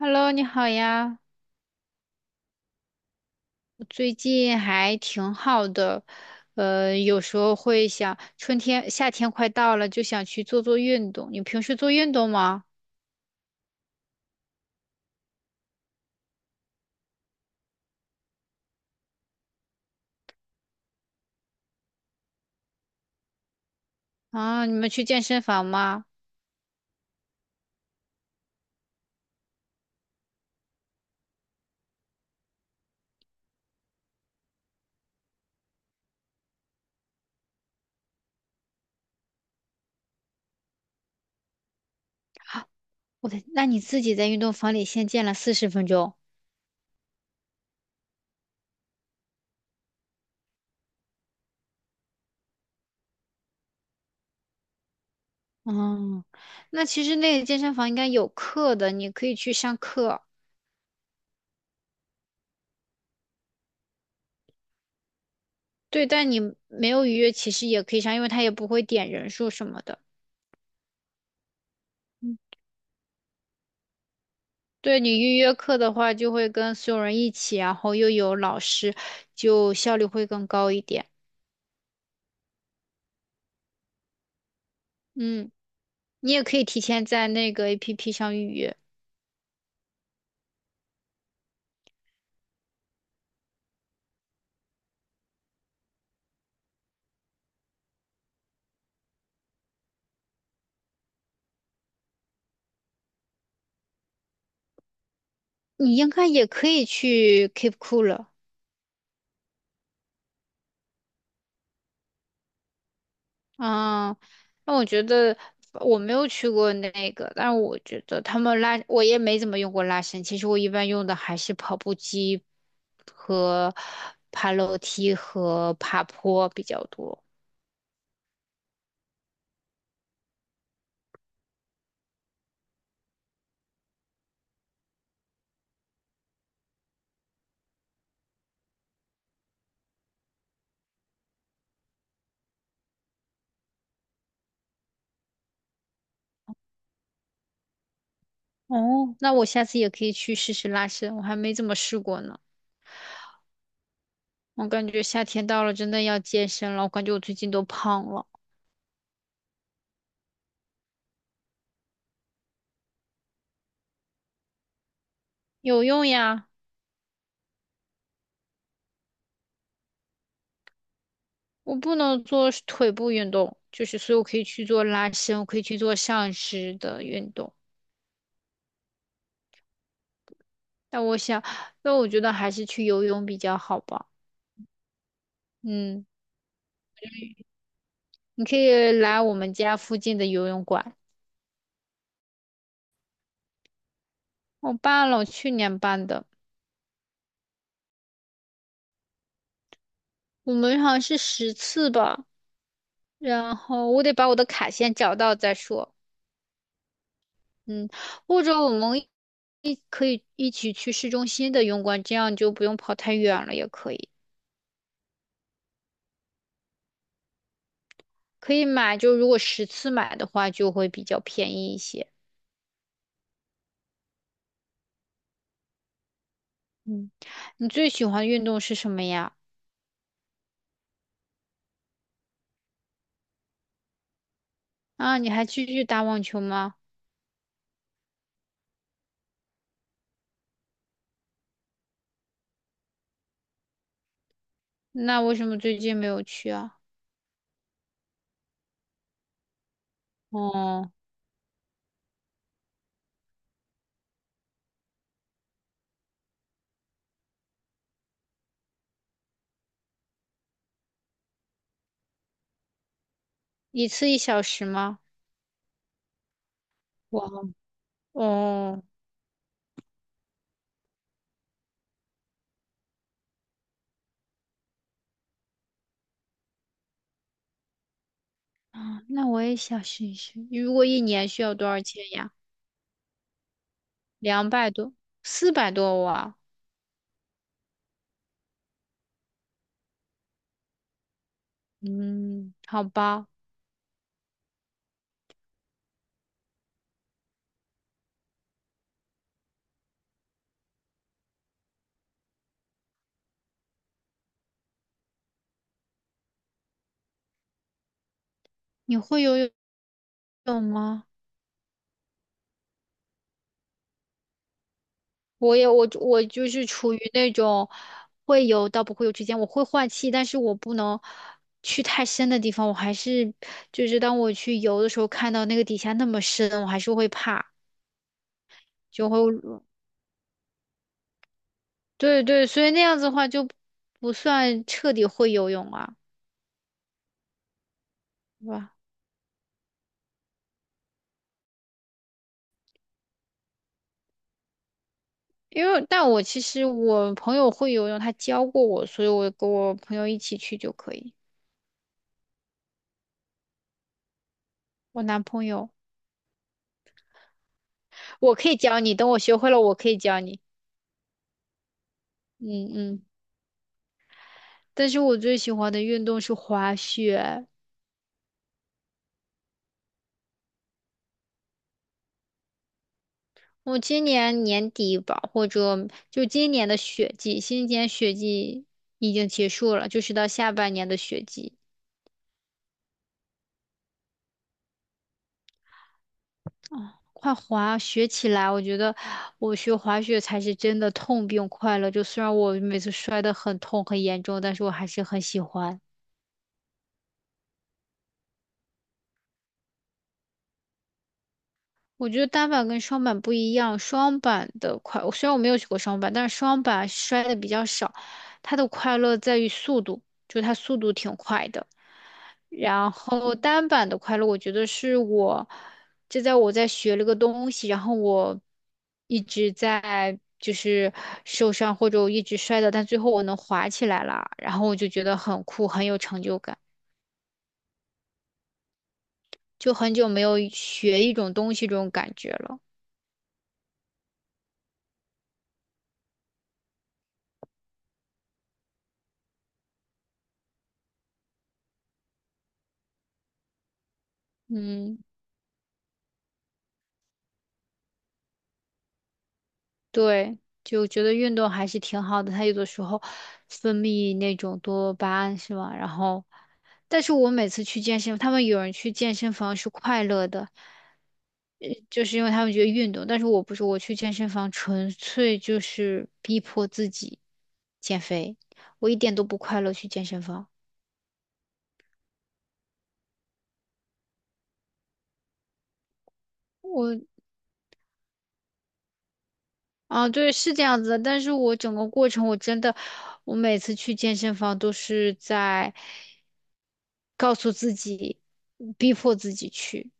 Hello，你好呀，我最近还挺好的，有时候会想，春天、夏天快到了，就想去做做运动。你平时做运动吗？啊，你们去健身房吗？我的，那你自己在运动房里先健了40分钟。嗯，那其实那个健身房应该有课的，你可以去上课。对，但你没有预约，其实也可以上，因为他也不会点人数什么的。对你预约课的话，就会跟所有人一起，然后又有老师，就效率会更高一点。嗯，你也可以提前在那个 APP 上预约，你应该也可以去 Keep Cool 了。嗯，那我觉得我没有去过那个，但是我觉得他们拉，我也没怎么用过拉伸。其实我一般用的还是跑步机和爬楼梯和爬坡比较多。哦，那我下次也可以去试试拉伸，我还没怎么试过呢。我感觉夏天到了，真的要健身了。我感觉我最近都胖了，有用呀。我不能做腿部运动，就是所以我可以去做拉伸，我可以去做上肢的运动。但我想，那我觉得还是去游泳比较好吧。嗯，你可以来我们家附近的游泳馆，我办了，我去年办的，我们好像是十次吧。然后我得把我的卡先找到再说。嗯，或者我们一可以一起去市中心的泳馆，这样你就不用跑太远了，也可以。可以买，就如果十次买的话，就会比较便宜一些。嗯，你最喜欢的运动是什么呀？啊，你还继续打网球吗？那为什么最近没有去啊？哦，一次一小时吗？哇，哦，啊，那我也想试一试。如果一年需要多少钱呀？200多，400多哇。嗯，好吧。你会游泳？懂吗？我也我就我是处于那种会游到不会游之间，我会换气，但是我不能去太深的地方，我还是就是当我去游的时候，看到那个底下那么深，我还是会怕，就会对对，所以那样子的话就不算彻底会游泳啊，对吧？因为但我其实我朋友会游泳，他教过我，所以我跟我朋友一起去就可以。我男朋友，我可以教你，等我学会了，我可以教你。嗯嗯。但是我最喜欢的运动是滑雪。我今年年底吧，或者就今年的雪季，今年雪季已经结束了，就是到下半年的雪季，快滑雪起来。我觉得我学滑雪才是真的痛并快乐。就虽然我每次摔得很痛很严重，但是我还是很喜欢。我觉得单板跟双板不一样，双板的快，虽然我没有学过双板，但是双板摔的比较少，它的快乐在于速度，就是它速度挺快的。然后单板的快乐，我觉得是我，这在我在学了个东西，然后我一直在就是受伤或者我一直摔的，但最后我能滑起来了，然后我就觉得很酷，很有成就感，就很久没有学一种东西这种感觉了。嗯。对，就觉得运动还是挺好的，他有的时候分泌那种多巴胺是吧？然后，但是我每次去健身，他们有人去健身房是快乐的，就是因为他们觉得运动，但是我不是，我去健身房纯粹就是逼迫自己减肥，我一点都不快乐去健身房。我。啊，对，是这样子的，但是我整个过程我真的，我每次去健身房都是在告诉自己，逼迫自己去。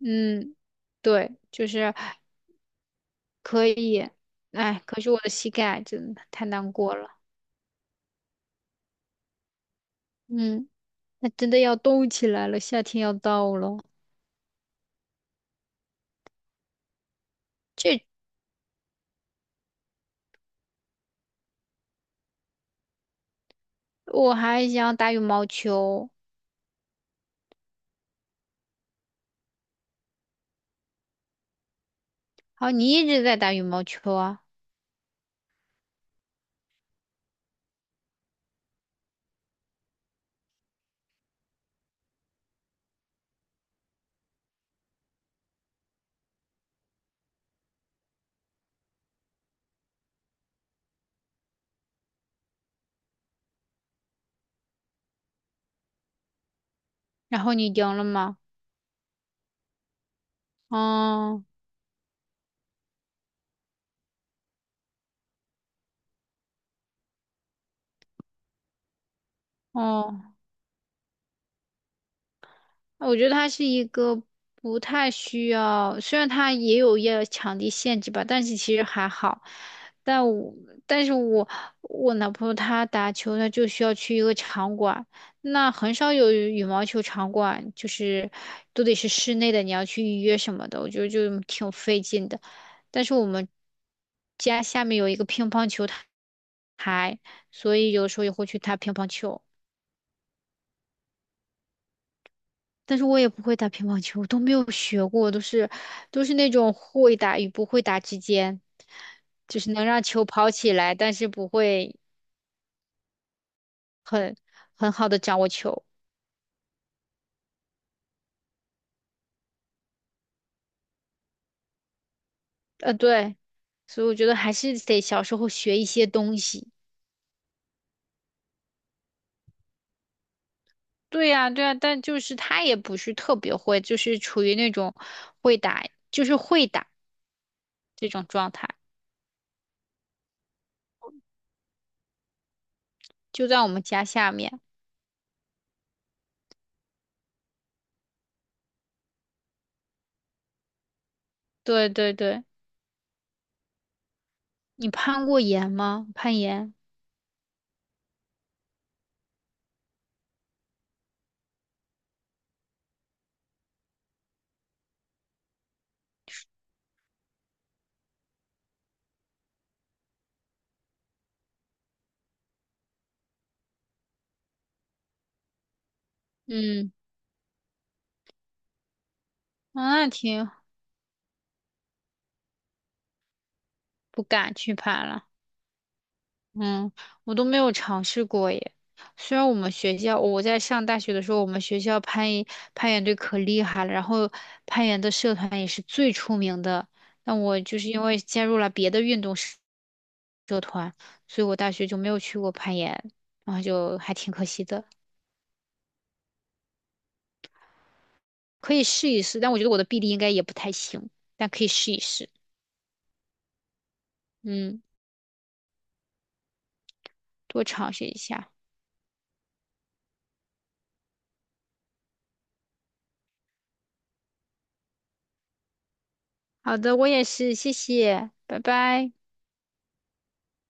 嗯，对，就是可以，哎，可是我的膝盖真的太难过了。嗯，那真的要动起来了，夏天要到了。这我还想打羽毛球，好，你一直在打羽毛球啊？然后你赢了吗？哦哦。我觉得它是一个不太需要，虽然它也有要场地限制吧，但是其实还好。但我但是我我男朋友他打球，他就需要去一个场馆，那很少有羽毛球场馆，就是都得是室内的，你要去预约什么的，我觉得就挺费劲的。但是我们家下面有一个乒乓球台，所以有时候也会去打乒乓球。但是我也不会打乒乓球，我都没有学过，都是那种会打与不会打之间，就是能让球跑起来，但是不会很很好的掌握球。呃，对，所以我觉得还是得小时候学一些东西。对呀，对呀，但就是他也不是特别会，就是处于那种会打，就是会打这种状态，就在我们家下面。对对对，你攀过岩吗？攀岩？嗯，啊那挺。不敢去攀了。嗯，我都没有尝试过耶。虽然我们学校，我在上大学的时候，我们学校攀岩队可厉害了，然后攀岩的社团也是最出名的。但我就是因为加入了别的运动社，所以我大学就没有去过攀岩，然后就还挺可惜的。可以试一试，但我觉得我的臂力应该也不太行，但可以试一试。嗯，多尝试一下。好的，我也是，谢谢，拜拜。